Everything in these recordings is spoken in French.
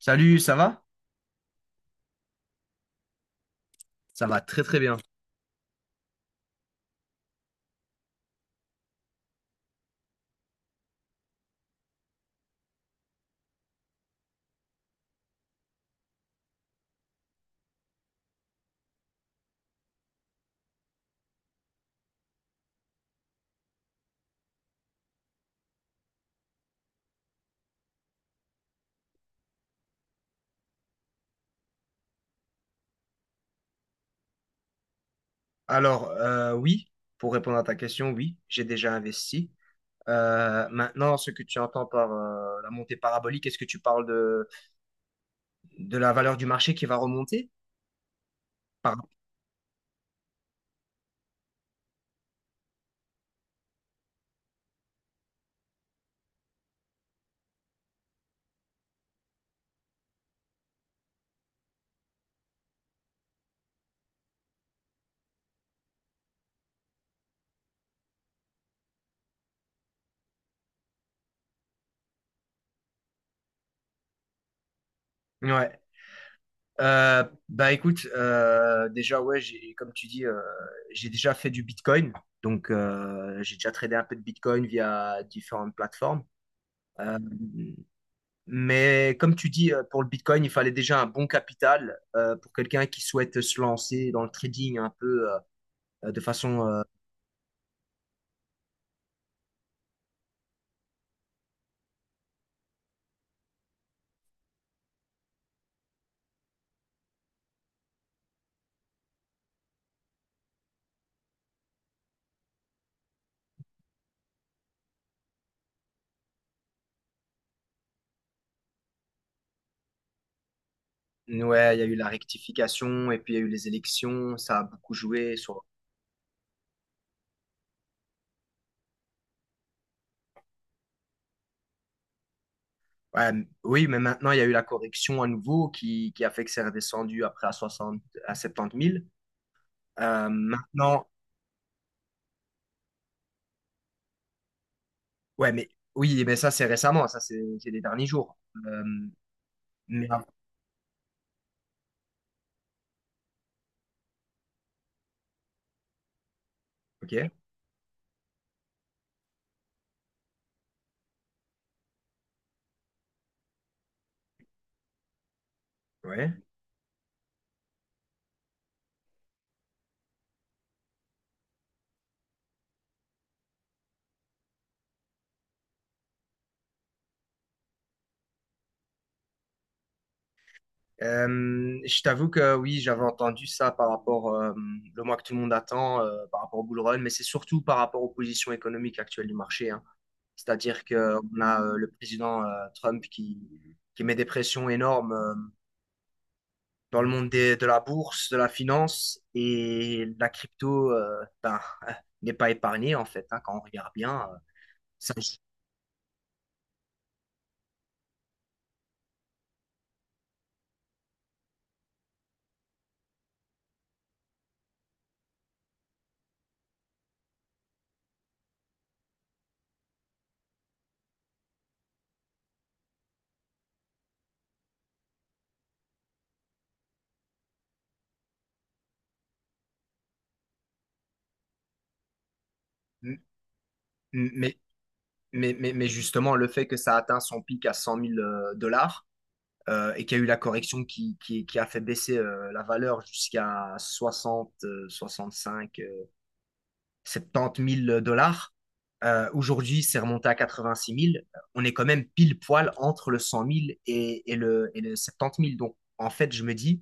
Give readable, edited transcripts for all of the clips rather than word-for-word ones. Salut, ça va? Ça va très très bien. Alors, oui, pour répondre à ta question, oui, j'ai déjà investi. Maintenant, ce que tu entends par la montée parabolique, est-ce que tu parles de la valeur du marché qui va remonter? Pardon. Ouais. Euh, Bah écoute, déjà, ouais, comme tu dis, j'ai déjà fait du Bitcoin. Donc, j'ai déjà tradé un peu de Bitcoin via différentes plateformes. Euh, Mais comme tu dis, pour le Bitcoin, il fallait déjà un bon capital pour quelqu'un qui souhaite se lancer dans le trading un peu de façon... Ouais, il y a eu la rectification et puis il y a eu les élections, ça a beaucoup joué sur... Ouais, oui, mais maintenant, il y a eu la correction à nouveau qui a fait que c'est redescendu après à 60, à 70 000. Euh, maintenant, ouais, mais oui, mais ça, c'est récemment, ça, c'est les derniers jours. Euh, mais, ok, ouais. Je t'avoue que oui, j'avais entendu ça par rapport le mois que tout le monde attend par rapport au bull run, mais c'est surtout par rapport aux positions économiques actuelles du marché, hein. C'est-à-dire que on a le président Trump qui met des pressions énormes dans le monde de la bourse, de la finance et la crypto ben, n'est pas épargnée en fait, hein, quand on regarde bien. Ça- m- m- mais, mais justement, le fait que ça atteint son pic à 100 000 dollars et qu'il y a eu la correction qui a fait baisser la valeur jusqu'à 60, 65, 70 000 dollars. Aujourd'hui, c'est remonté à 86 000. On est quand même pile poil entre le 100 000 et le 70 000. Donc, en fait, je me dis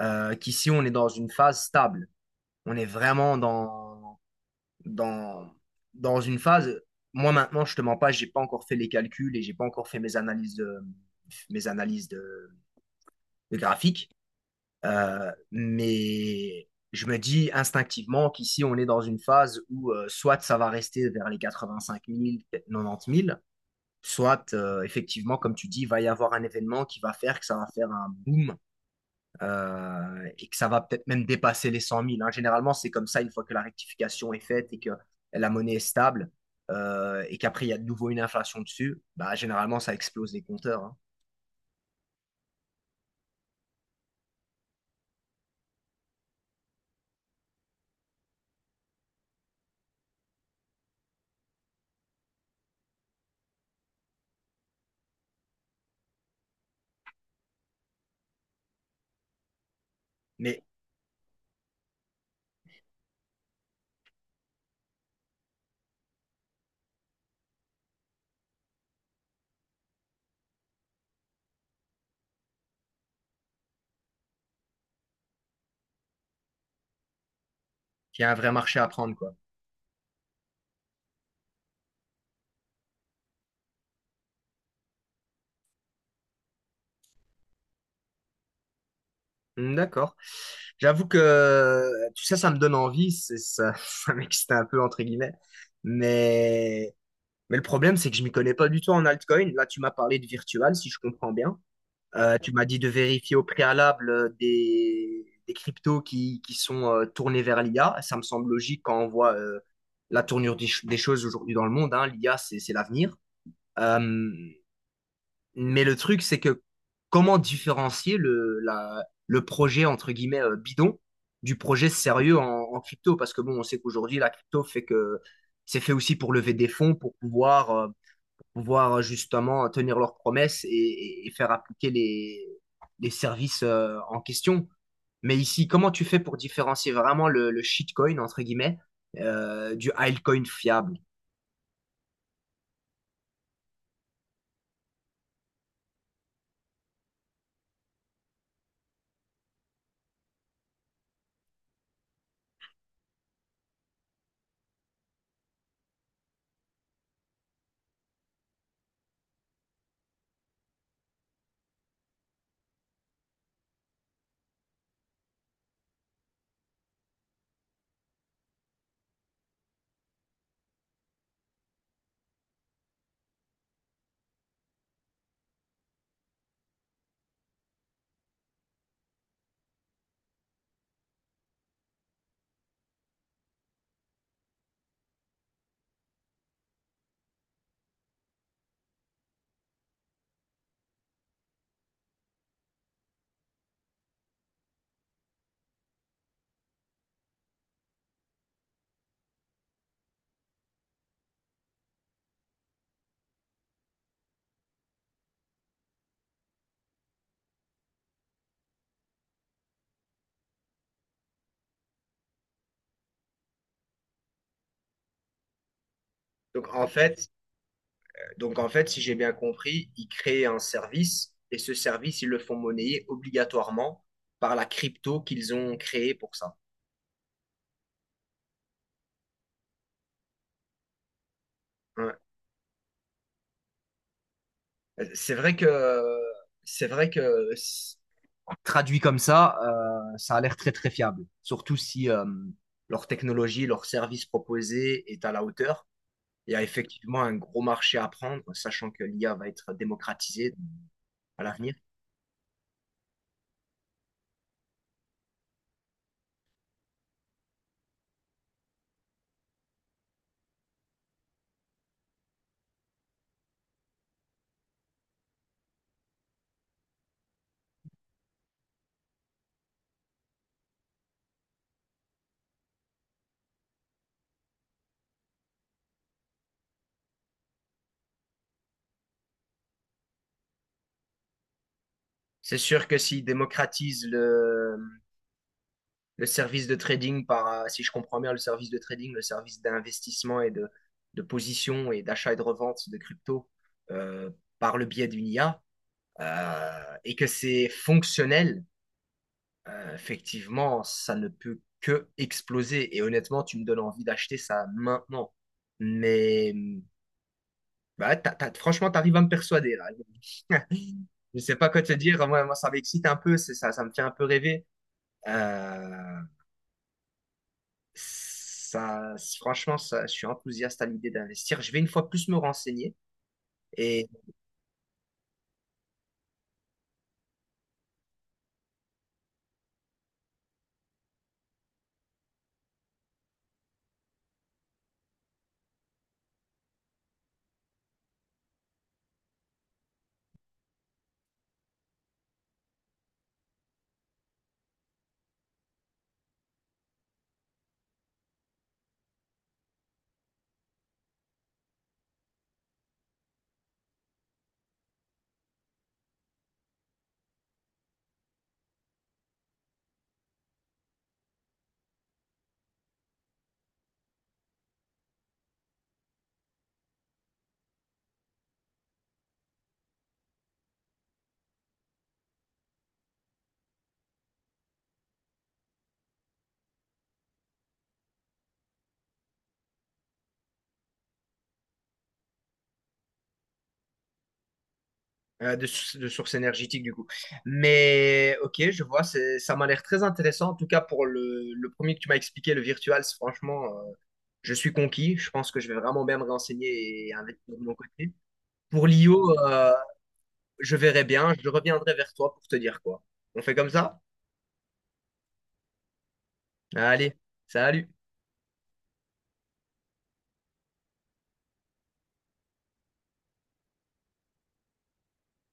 qu'ici, on est dans une phase stable. On est vraiment dans, dans une phase. Moi, maintenant, je te mens pas, j'ai pas encore fait les calculs et j'ai pas encore fait mes analyses de graphiques. Mais je me dis instinctivement qu'ici, on est dans une phase où soit ça va rester vers les 85 000, 90 000, soit effectivement, comme tu dis, il va y avoir un événement qui va faire que ça va faire un boom et que ça va peut-être même dépasser les 100 000, hein. Généralement, c'est comme ça une fois que la rectification est faite et que la monnaie est stable et qu'après, il y a de nouveau une inflation dessus, bah, généralement, ça explose les compteurs, hein. Mais il y a un vrai marché à prendre, quoi. Hmm, d'accord. J'avoue que tout ça, ça me donne envie, c'est ça, ça m'excite un peu entre guillemets. Mais, mais le problème, c'est que je m'y connais pas du tout en altcoin. Là, tu m'as parlé de virtual, si je comprends bien. Tu m'as dit de vérifier au préalable des cryptos qui sont tournés vers l'IA. Ça me semble logique quand on voit la tournure des choses aujourd'hui dans le monde, hein. L'IA, c'est l'avenir. Euh, mais le truc, c'est que comment différencier le projet, entre guillemets, bidon du projet sérieux en crypto? Parce que bon, on sait qu'aujourd'hui, la crypto fait que c'est fait aussi pour lever des fonds, pour pouvoir justement tenir leurs promesses et faire appliquer les services en question. Mais ici, comment tu fais pour différencier vraiment le shitcoin, entre guillemets, du altcoin fiable? Donc en fait, Donc en fait, si j'ai bien compris, ils créent un service et ce service, ils le font monnayer obligatoirement par la crypto qu'ils ont créée pour ça. Ouais. C'est vrai que c'est vrai que s- traduit comme ça, ça a l'air très très fiable. Surtout si leur technologie, leur service proposé est à la hauteur. Il y a effectivement un gros marché à prendre, sachant que l'IA va être démocratisée à l'avenir. C'est sûr que s'ils démocratisent le service de trading si je comprends bien, le service de trading, le service d'investissement et de position et d'achat et de revente de crypto euh, par le biais d'une IA et que c'est fonctionnel, effectivement, ça ne peut que exploser. Et honnêtement, tu me donnes envie d'acheter ça maintenant. Mais bah, franchement, tu arrives à me persuader là. Je ne sais pas quoi te dire. Moi, ça m'excite un peu, c'est ça, ça me fait un peu rêver. Euh, Ça, franchement, ça, je suis enthousiaste à l'idée d'investir. Je vais une fois plus me renseigner et de sources énergétiques du coup. Mais ok, je vois, ça m'a l'air très intéressant. En tout cas, pour le premier que tu m'as expliqué, le virtual, c'est franchement, je suis conquis. Je pense que je vais vraiment bien me renseigner et investir de mon côté. Pour l'IO, je verrai bien. Je reviendrai vers toi pour te dire quoi. On fait comme ça? Allez, salut.